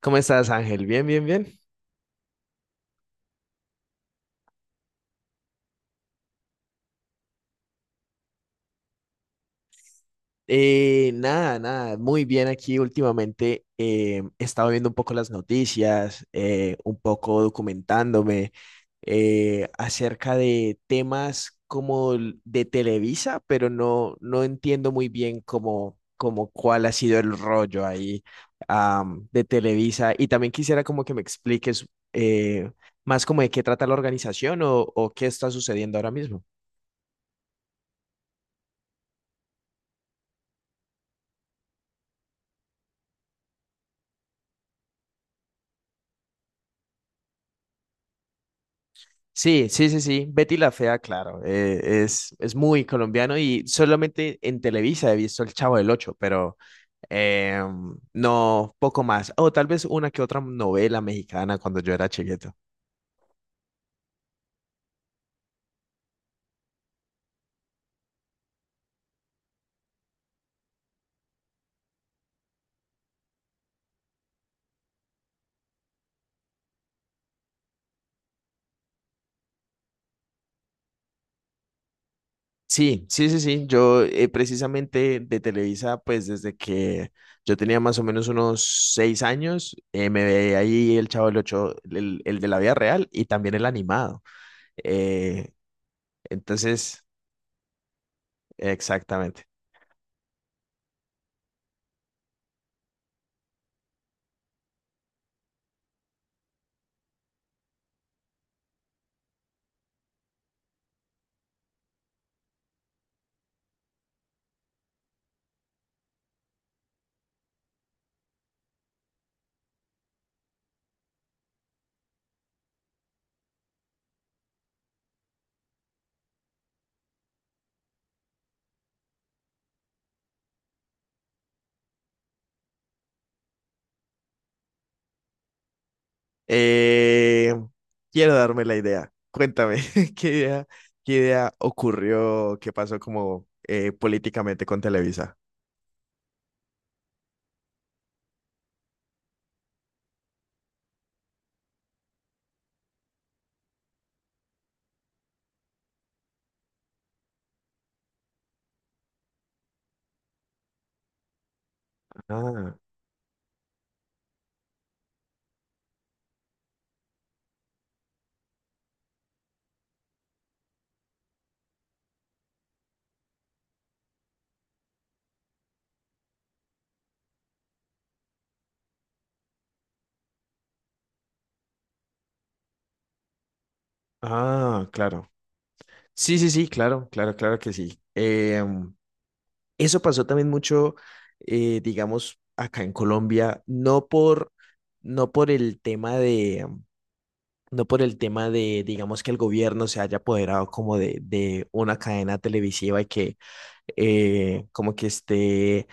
¿Cómo estás, Ángel? Bien, bien, bien. Nada, nada, muy bien aquí últimamente. He estado viendo un poco las noticias, un poco documentándome acerca de temas como de Televisa, pero no entiendo muy bien cómo cuál ha sido el rollo ahí de Televisa. Y también quisiera como que me expliques eh, más como de qué trata la organización o qué está sucediendo ahora mismo. Sí, sí, sí, sí. Betty la Fea, claro. Es muy colombiano y solamente en Televisa he visto El Chavo del Ocho, pero eh, no, poco más. O tal vez una que otra novela mexicana cuando yo era chiquito. Sí, sí, sí, sí. Yo, precisamente de Televisa, pues desde que yo tenía más o menos unos 6 años, me veía ahí el Chavo del Ocho, el de la vida real y también el animado. Eh, entonces, exactamente. Eh, Quiero darme la idea. Cuéntame, ¿qué idea, qué idea ocurrió? ¿Qué pasó como políticamente con Televisa? Ah, ah, claro. Sí, sí, sí, claro, claro, claro que sí. Eso pasó también mucho, digamos, acá en Colombia, no por el tema de, no por el tema de, digamos, que el gobierno se haya apoderado como de una cadena televisiva y que como que esté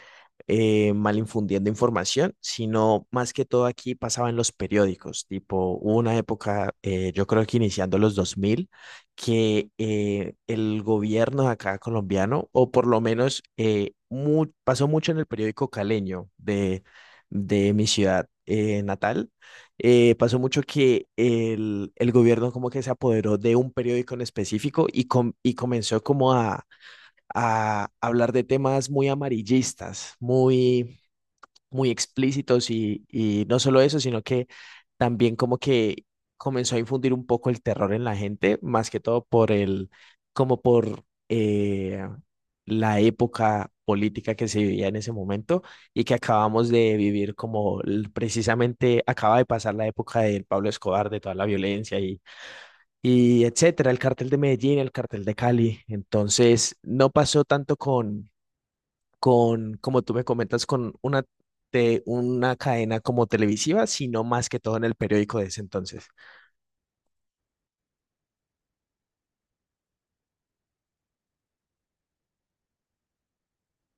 mal infundiendo información, sino más que todo aquí pasaba en los periódicos, tipo, hubo una época, yo creo que iniciando los 2000 que el gobierno de acá colombiano, o por lo menos pasó mucho en el periódico caleño de mi ciudad natal, pasó mucho que el gobierno como que se apoderó de un periódico en específico y comenzó como a hablar de temas muy amarillistas, muy, muy explícitos y no solo eso, sino que también como que comenzó a infundir un poco el terror en la gente, más que todo por el, como por la época política que se vivía en ese momento y que acabamos de vivir como precisamente acaba de pasar la época del Pablo Escobar, de toda la violencia y etcétera, el cartel de Medellín, el cartel de Cali. Entonces, no pasó tanto con, como tú me comentas, de una cadena como televisiva, sino más que todo en el periódico de ese entonces.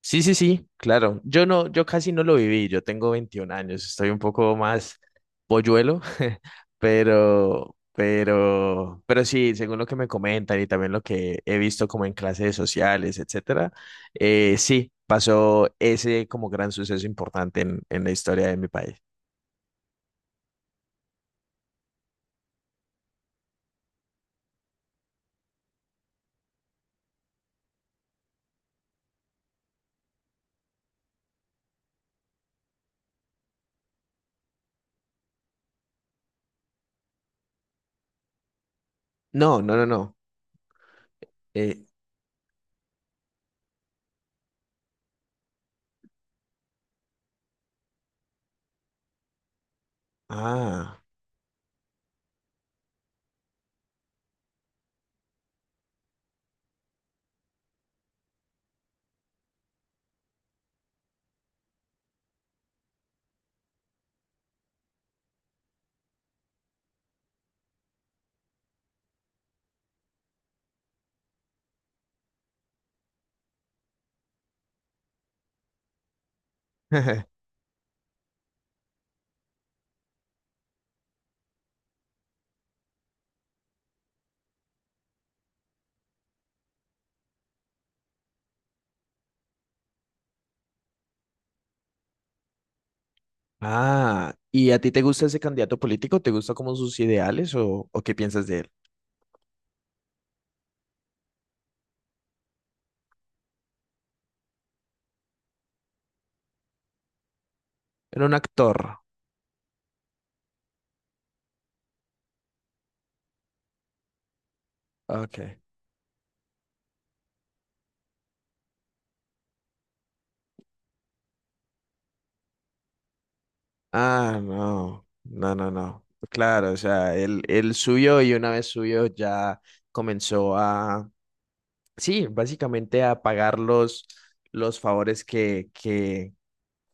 Sí, sí, sí, claro. Yo casi no lo viví. Yo tengo 21 años, estoy un poco más polluelo, pero sí, según lo que me comentan y también lo que he visto como en clases sociales, etcétera, sí, pasó ese como gran suceso importante en la historia de mi país. No, no, no, no. Eh, ah. Ah, ¿y a ti te gusta ese candidato político? ¿Te gusta como sus ideales o qué piensas de él? Era un actor. Ok. Ah, no. No, no, no. Claro, o sea, él subió y una vez subió ya comenzó a, sí, básicamente a pagar los favores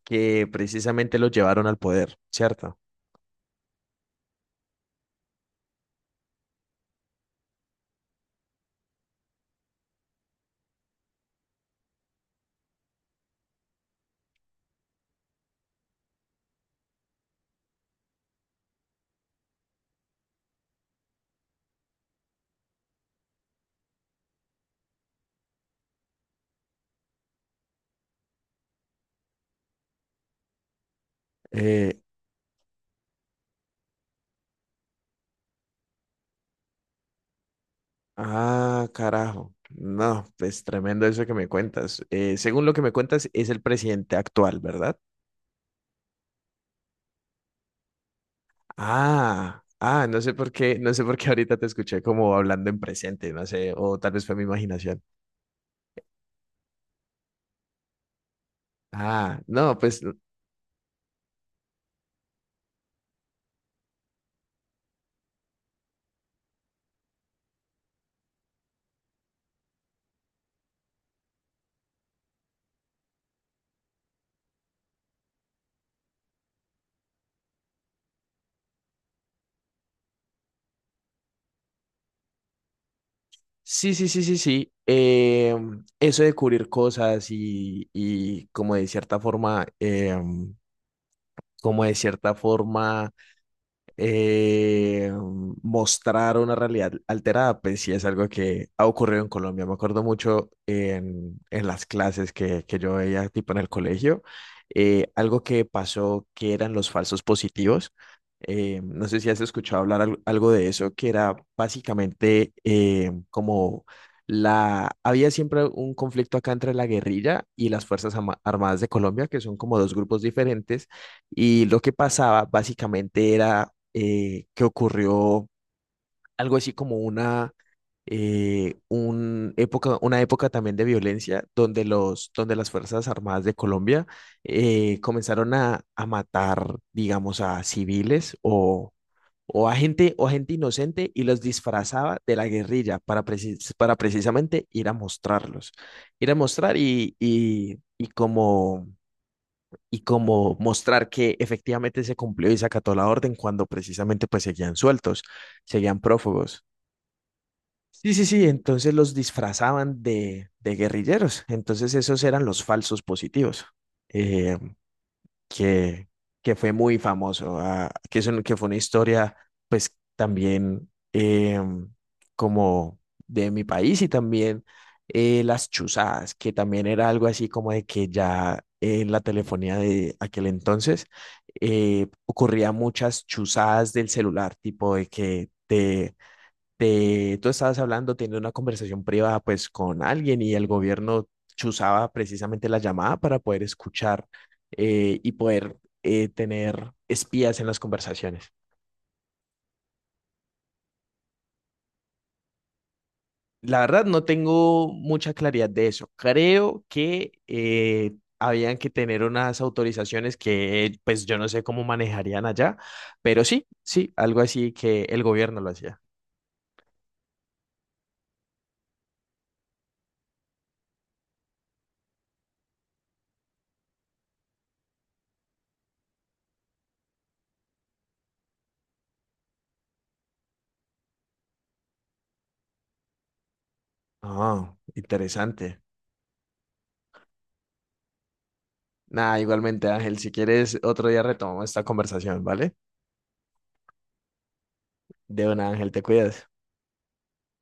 que precisamente los llevaron al poder, ¿cierto? Eh, ah, carajo. No, pues tremendo eso que me cuentas. Según lo que me cuentas, es el presidente actual, ¿verdad? Ah, ah, no sé por qué, no sé por qué ahorita te escuché como hablando en presente, no sé, o tal vez fue mi imaginación. Ah, no, pues sí, sí, sí, sí, sí. Eso de cubrir cosas y como de cierta forma, como de cierta forma. eh, mostrar una realidad alterada, pues sí es algo que ha ocurrido en Colombia. Me acuerdo mucho en las clases que yo veía, tipo en el colegio, algo que pasó que eran los falsos positivos. No sé si has escuchado hablar algo de eso, que era básicamente como la... Había siempre un conflicto acá entre la guerrilla y las Armadas de Colombia, que son como dos grupos diferentes y lo que pasaba básicamente era que ocurrió algo así un época, una época también de violencia donde las Fuerzas Armadas de Colombia comenzaron a matar, digamos, a civiles a gente, o a gente inocente y los disfrazaba de la guerrilla para precisamente ir a mostrarlos, ir a mostrar y como mostrar que efectivamente se cumplió y se acató la orden cuando precisamente pues seguían sueltos, seguían prófugos. Sí, sí, sí, entonces los disfrazaban de guerrilleros, entonces esos eran los falsos positivos. Eh, que, que fue muy famoso, ah, que fue una historia pues también em, como de mi país y también las chuzadas, que también era algo así como de que ya en la telefonía de aquel entonces ocurría muchas chuzadas del celular, tipo de que tú estabas hablando, teniendo una conversación privada pues con alguien y el gobierno chuzaba precisamente la llamada para poder escuchar y poder tener espías en las conversaciones. La verdad no tengo mucha claridad de eso. Creo que habían que tener unas autorizaciones que pues yo no sé cómo manejarían allá, pero sí, sí, algo así que el gobierno lo hacía. Ah, interesante. Nada, igualmente, Ángel, si quieres, otro día retomamos esta conversación, ¿vale? De una, Ángel, te cuidas.